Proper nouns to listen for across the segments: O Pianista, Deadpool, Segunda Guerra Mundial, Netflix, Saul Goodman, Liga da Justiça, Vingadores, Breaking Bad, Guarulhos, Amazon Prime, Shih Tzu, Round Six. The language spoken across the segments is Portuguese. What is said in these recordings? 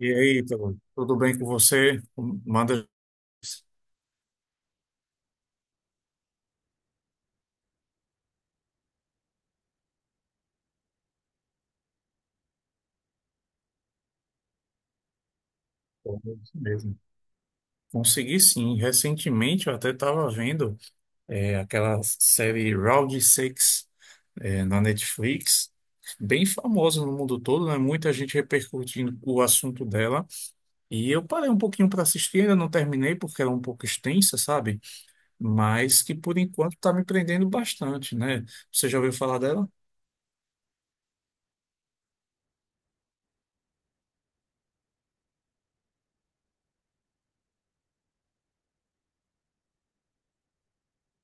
E aí, Ítalo, tudo bem com você? Manda. Pô, é isso mesmo. Consegui sim. Recentemente eu até estava vendo aquela série Round Six na Netflix, bem famosa no mundo todo, né? Muita gente repercutindo o assunto dela. E eu parei um pouquinho para assistir, ainda não terminei porque era um pouco extensa, sabe? Mas que por enquanto está me prendendo bastante, né? Você já ouviu falar dela?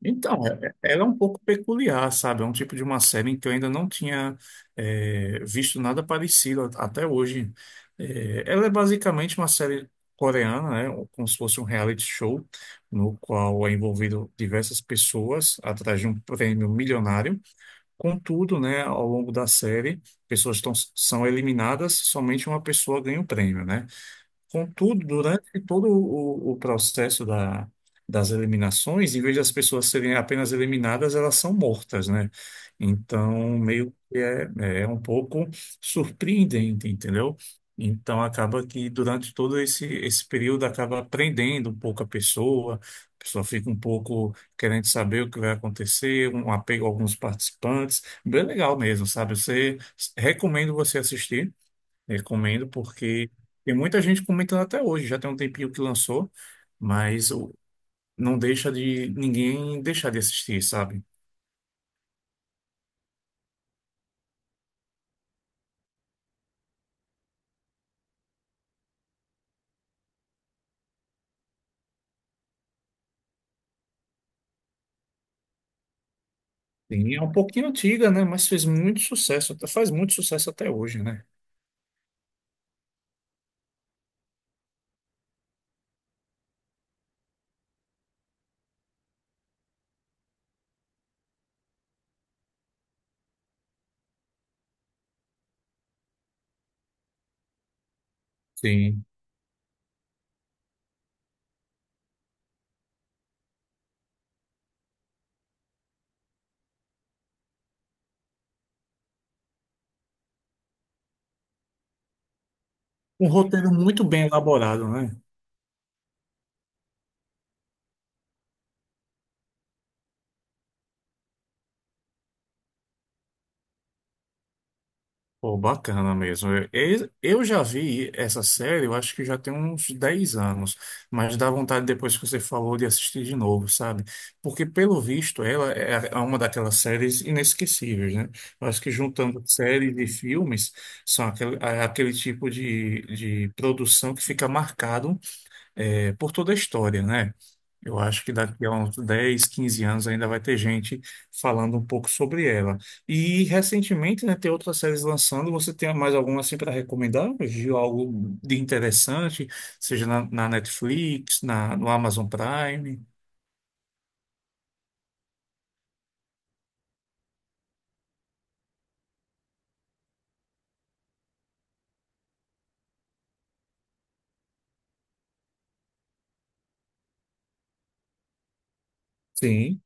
Então, ela é um pouco peculiar, sabe? É um tipo de uma série em que eu ainda não tinha visto nada parecido até hoje. É, ela é basicamente uma série coreana, né? Como se fosse um reality show, no qual é envolvido diversas pessoas atrás de um prêmio milionário. Contudo, né, ao longo da série, são eliminadas, somente uma pessoa ganha o prêmio, né? Contudo, durante todo o processo das eliminações, em vez das pessoas serem apenas eliminadas, elas são mortas, né? Então, é um pouco surpreendente, entendeu? Então, acaba que durante todo esse período, acaba prendendo um pouco a pessoa fica um pouco querendo saber o que vai acontecer, um apego a alguns participantes. Bem legal mesmo, sabe? Recomendo você assistir. Recomendo porque tem muita gente comentando até hoje, já tem um tempinho que lançou, mas o- não deixa de ninguém deixar de assistir, sabe? Sim, é um pouquinho antiga, né? Mas fez muito sucesso, faz muito sucesso até hoje, né? Sim. Um roteiro muito bem elaborado, né? Pô, bacana mesmo. Eu já vi essa série, eu acho que já tem uns 10 anos, mas dá vontade depois que você falou de assistir de novo, sabe? Porque, pelo visto, ela é uma daquelas séries inesquecíveis, né? Eu acho que juntando séries e filmes, é aquele tipo de produção que fica marcado por toda a história, né? Eu acho que daqui a uns 10, 15 anos ainda vai ter gente falando um pouco sobre ela. E recentemente, né, tem outras séries lançando. Você tem mais alguma assim para recomendar? Viu algo de interessante, seja na Netflix, no Amazon Prime? Sim.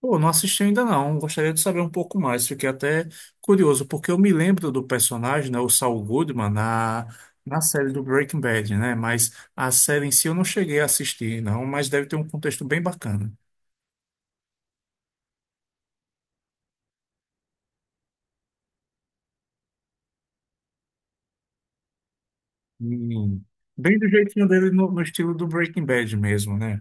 Pô, não assisti ainda não. Gostaria de saber um pouco mais. Fiquei até curioso, porque eu me lembro do personagem, né, o Saul Goodman, na série do Breaking Bad, né? Mas a série em si eu não cheguei a assistir, não, mas deve ter um contexto bem bacana. Hum. Bem do jeitinho dele no estilo do Breaking Bad mesmo, né?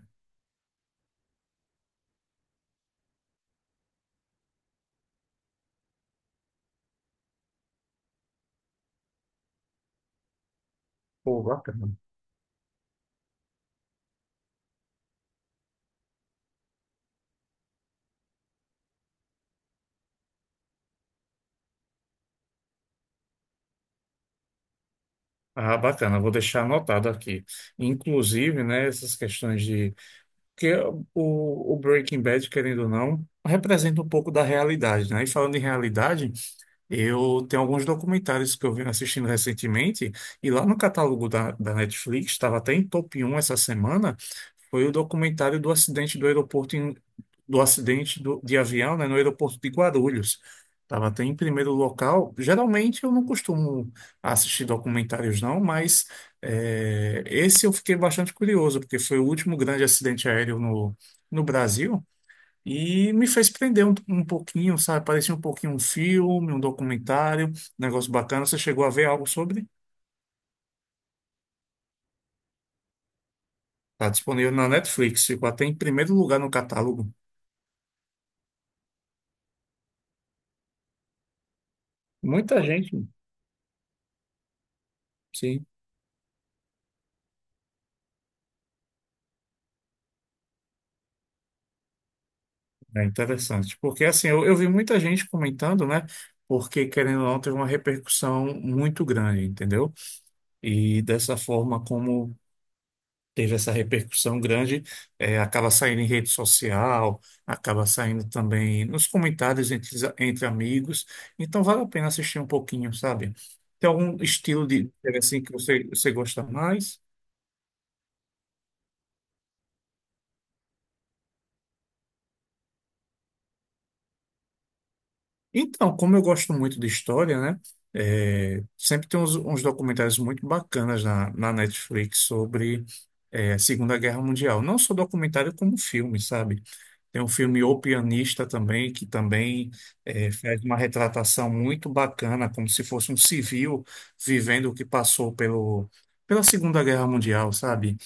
Pô, bacana. Ah, bacana, vou deixar anotado aqui. Inclusive, né, essas questões de. Porque o Breaking Bad, querendo ou não, representa um pouco da realidade, né? E falando em realidade. Eu tenho alguns documentários que eu venho assistindo recentemente, e lá no catálogo da Netflix, estava até em top um essa semana, foi o documentário do acidente do aeroporto, do acidente de avião, né, no aeroporto de Guarulhos. Estava até em primeiro local. Geralmente eu não costumo assistir documentários, não, mas esse eu fiquei bastante curioso, porque foi o último grande acidente aéreo no, no Brasil. E me fez prender um pouquinho, sabe? Parecia um pouquinho um filme, um documentário, um negócio bacana. Você chegou a ver algo sobre? Está disponível na Netflix, ficou até em primeiro lugar no catálogo. Muita gente, sim, é interessante. Porque assim, eu vi muita gente comentando, né? Porque, querendo ou não, teve uma repercussão muito grande, entendeu? E dessa forma como teve essa repercussão grande, acaba saindo em rede social, acaba saindo também nos comentários entre, entre amigos. Então vale a pena assistir um pouquinho, sabe? Tem algum estilo de série assim que você gosta mais? Então, como eu gosto muito de história, né? Sempre tem uns documentários muito bacanas na Netflix sobre a Segunda Guerra Mundial. Não só documentário, como filme, sabe? Tem um filme O Pianista também, que também faz uma retratação muito bacana, como se fosse um civil vivendo o que passou pela Segunda Guerra Mundial, sabe?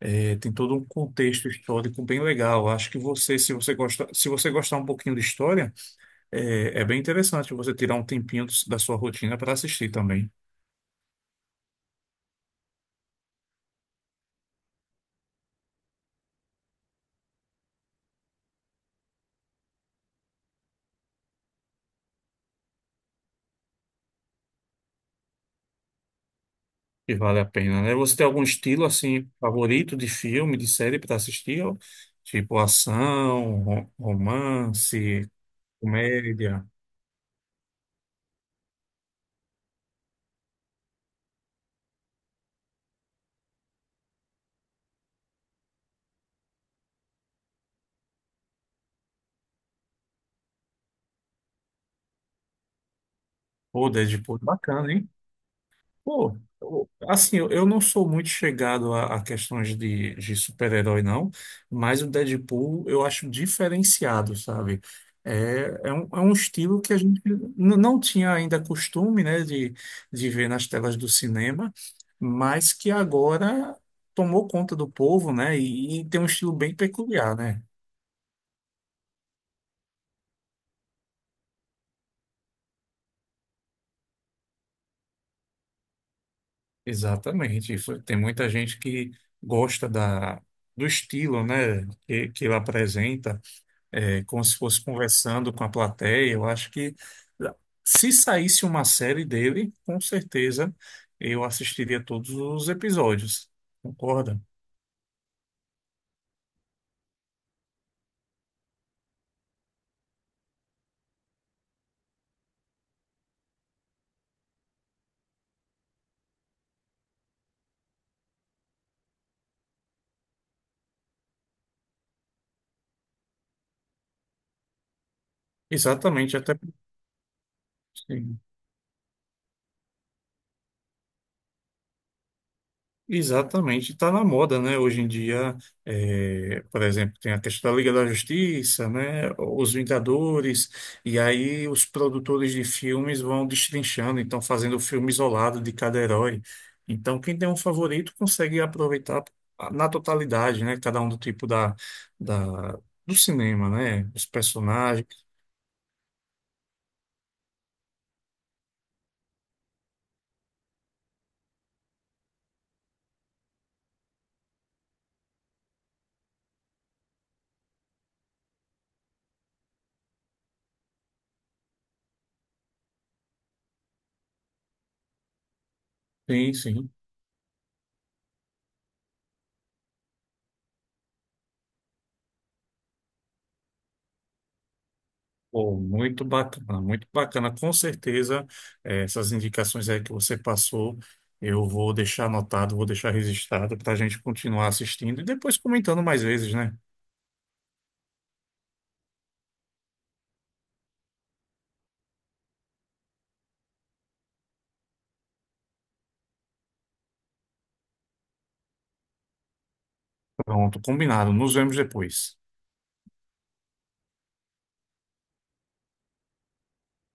Tem todo um contexto histórico bem legal. Acho que você, se você gosta, se você gostar um pouquinho de história, é bem interessante você tirar um tempinho da sua rotina para assistir também. E vale a pena, né? Você tem algum estilo assim favorito de filme, de série para assistir? Tipo ação, romance, comédia. Pô, Deadpool, é bacana, hein? Pô, eu não sou muito chegado a questões de super-herói, não, mas o Deadpool eu acho diferenciado, sabe? É, é um estilo que a gente não tinha ainda costume, né, de ver nas telas do cinema, mas que agora tomou conta do povo, né? E tem um estilo bem peculiar, né? Exatamente. Isso. Tem muita gente que gosta do estilo, né, que ele apresenta, é, como se fosse conversando com a plateia. Eu acho que ah, se saísse uma série dele, com certeza eu assistiria todos os episódios. Concorda? Exatamente, até sim. Exatamente, está na moda, né? Hoje em dia, é, por exemplo, tem a questão da Liga da Justiça, né? Os Vingadores, e aí os produtores de filmes vão destrinchando, então fazendo o filme isolado de cada herói. Então, quem tem um favorito consegue aproveitar na totalidade, né? Cada um do tipo da, do cinema, né? Os personagens. Sim, sim. Pô, muito bacana, muito bacana. Com certeza, essas indicações aí que você passou, eu vou deixar anotado, vou deixar registrado para a gente continuar assistindo e depois comentando mais vezes, né? Pronto, combinado. Nos vemos depois.